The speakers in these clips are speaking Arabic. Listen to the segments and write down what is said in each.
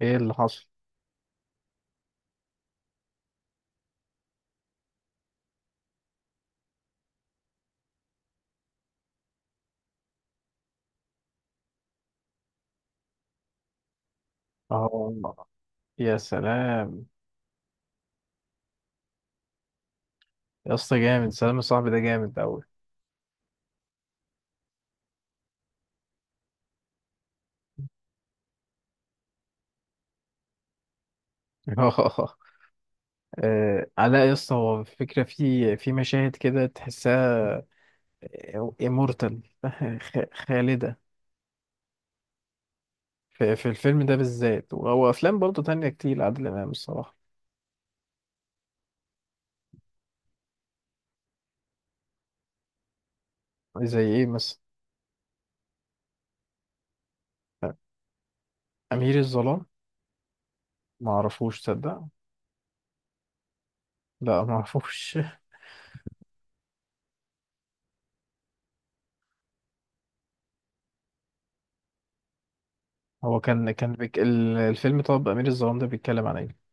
ايه اللي حصل؟ اه، يا سلام. يا اسطى جامد، سلام صاحبي ده جامد اوي. اه، علاء يا اسطى، هو الفكره في مشاهد كده تحسها امورتال خالده. في الفيلم ده بالذات، وهو افلام برضه تانية كتير لعادل امام الصراحه. زي ايه مثلا؟ امير الظلام؟ ما اعرفوش، تصدق؟ لا ما اعرفوش. هو كان كان بيك... ال- الفيلم، طب امير الظلام ده بيتكلم عن ايه؟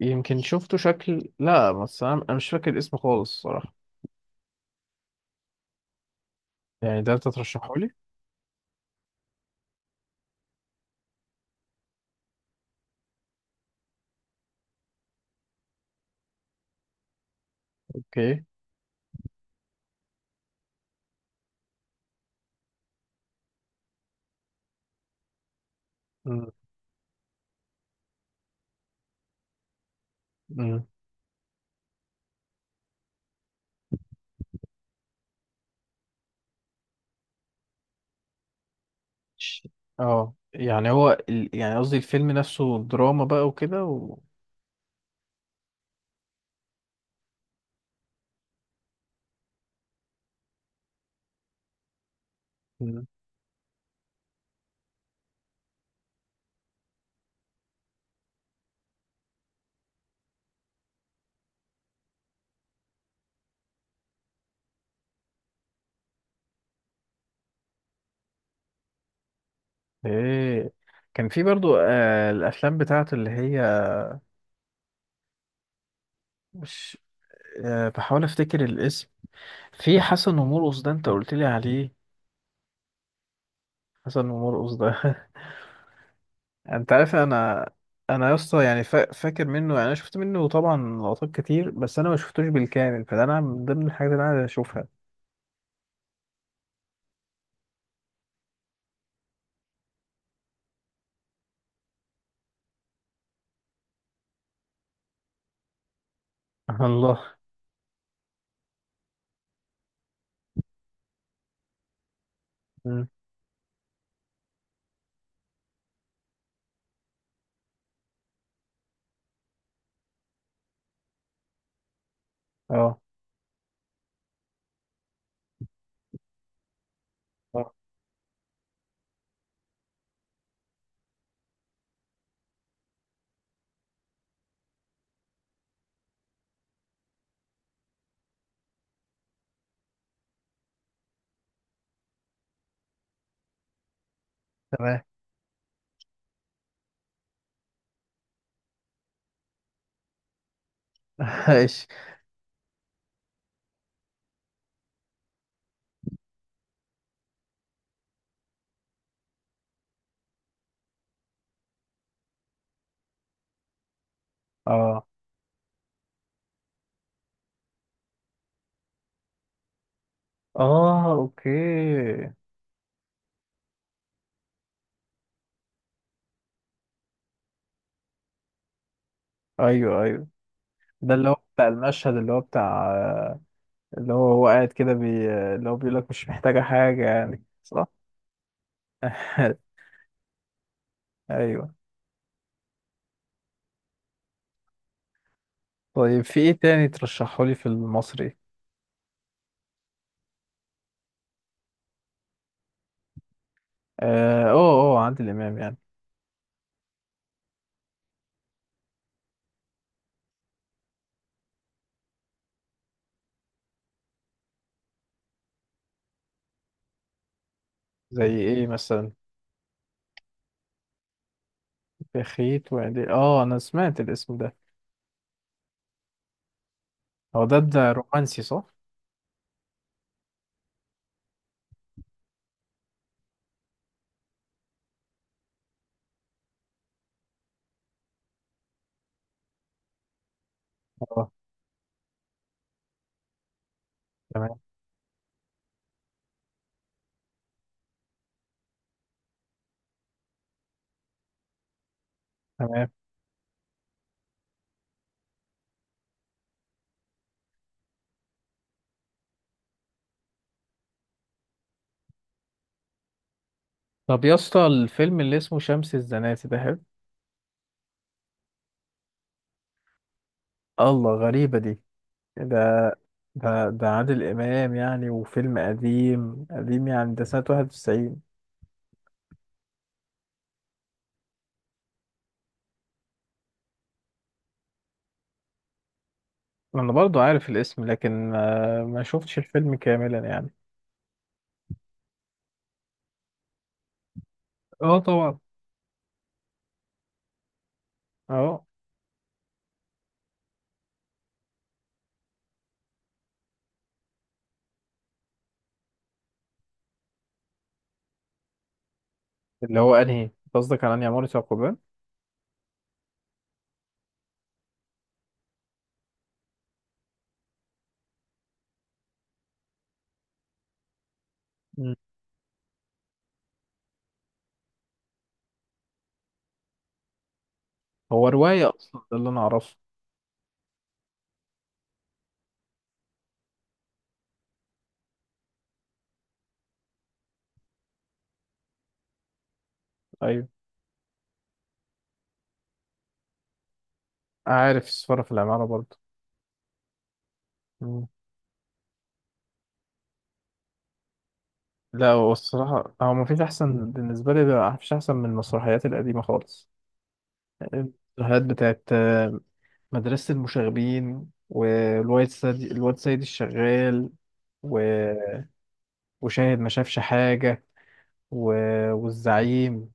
يمكن شفته شكل، لا بس أنا مش فاكر اسمه خالص الصراحه. يعني ده انت ترشحه لي؟ اوكي. مم. مم. ش- اه، يعني هو يعني قصدي الفيلم نفسه دراما بقى وكده و... مم. ايه، كان في برضو الافلام بتاعته اللي هي مش، بحاول افتكر الاسم. في حسن ومرقص ده انت قلت لي عليه. حسن ومرقص ده انت عارف انا يا اسطى يعني فاكر منه. يعني انا شفت منه طبعا لقطات كتير، بس انا ما شفتوش بالكامل، فده انا من ضمن الحاجات اللي انا عايز اشوفها. الله. مم. اه، آه. تمام. ماشي. اه اه، اوكي. ايوه ايوه. ده اللي هو بتاع المشهد، اللي هو بتاع، اللي هو قاعد كده اللي هو بيقول لك مش محتاجة حاجة، يعني صح؟ ايوه. طيب، في ايه تاني ترشحه لي في المصري؟ اه اه، عادل امام يعني. زي ايه مثلا؟ بخيت وعدي، اه انا سمعت الاسم ده. هو ده رومانسي، صح؟ اه. تمام. تمام. طب يا اسطى، الفيلم اللي اسمه شمس الزناتي ده حلو. الله، غريبة دي. ده ده عادل إمام يعني، وفيلم قديم قديم يعني، ده سنة 91. أنا برضو عارف الاسم لكن ما شفتش الفيلم كاملا يعني. اه طبعا. اه، اللي هو أنهي، أنت قصدك على أنهي عمارة يعقوبيان؟ مم. هو رواية أصلا، ده اللي أنا أعرفه. أيوة. عارف السفارة في العمارة برضو. لا، هو الصراحة، هو مفيش أحسن بالنسبة لي، لا مفيش أحسن من المسرحيات القديمة خالص. يعني المسرحيات بتاعت، مدرسة المشاغبين، والواد سيد، الواد سيد الشغال. و... وشاهد ما شافش حاجة. و... والزعيم.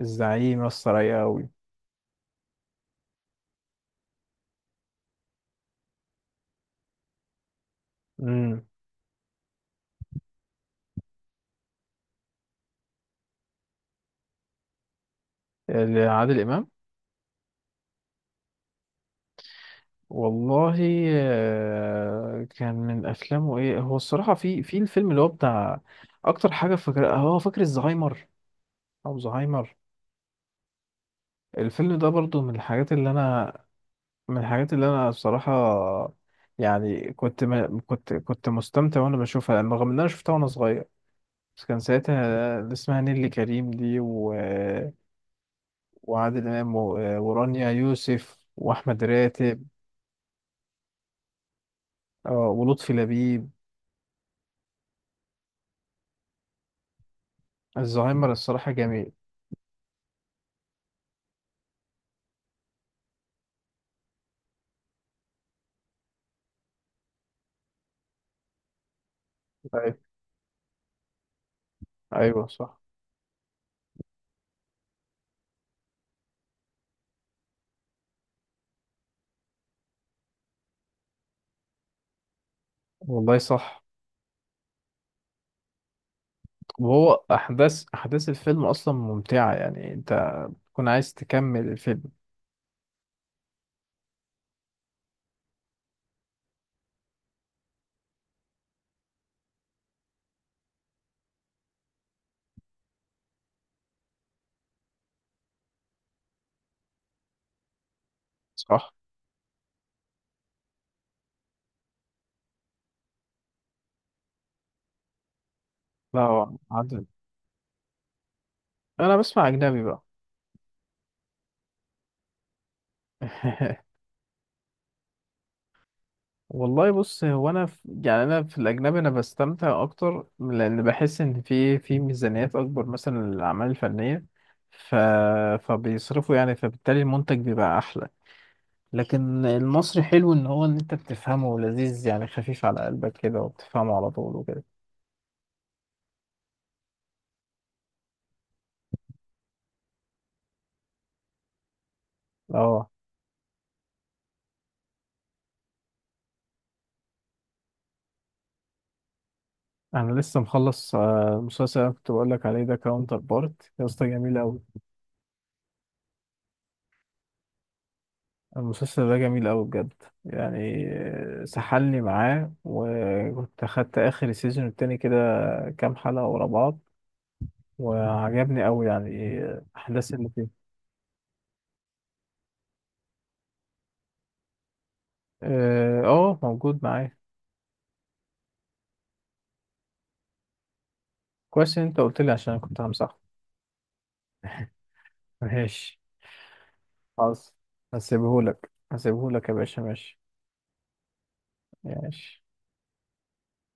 الزعيم يسطا رايقة أوي. أمم. عادل إمام. والله، كان من أفلامه إيه هو الصراحة، في الفيلم اللي هو بتاع. أكتر حاجة فاكر، هو فاكر الزهايمر أو زهايمر. الفيلم ده برضو من الحاجات اللي انا، من الحاجات اللي انا بصراحة، يعني كنت ما كنت كنت مستمتع وانا بشوفها، رغم ان انا شفتها وانا صغير. بس كان ساعتها اللي اسمها نيللي كريم دي و... وعادل امام و... ورانيا يوسف واحمد راتب، ولطفي لبيب. الزهايمر الصراحة جميل. أيوة. ايوه صح. والله صح. وهو احداث الفيلم اصلا ممتعة، يعني انت تكون عايز تكمل الفيلم. صح. لا، هو عادل، انا بسمع اجنبي بقى. والله بص، هو انا في الاجنبي انا بستمتع اكتر، لان بحس ان في ميزانيات اكبر مثلا للاعمال الفنيه. ف... فبيصرفوا، يعني فبالتالي المنتج بيبقى احلى. لكن المصري حلو، ان انت بتفهمه لذيذ، يعني خفيف على قلبك كده، وبتفهمه على طول وكده. اه، انا لسه مخلص، المسلسل اللي أنا كنت بقول لك عليه ده، كاونتر بارت يا اسطى جميل قوي. المسلسل ده جميل أوي بجد، يعني سحلني معاه، وكنت أخدت آخر السيزون التاني كده كام حلقة ورا بعض، وعجبني أوي، يعني الأحداث اللي فيه. اه، موجود معايا. كويس إن أنت قلت لي، عشان أنا كنت همسحه. ماشي. خلاص. هسيبهولك، هسيبهولك يا باشا، ماشي. ماشي.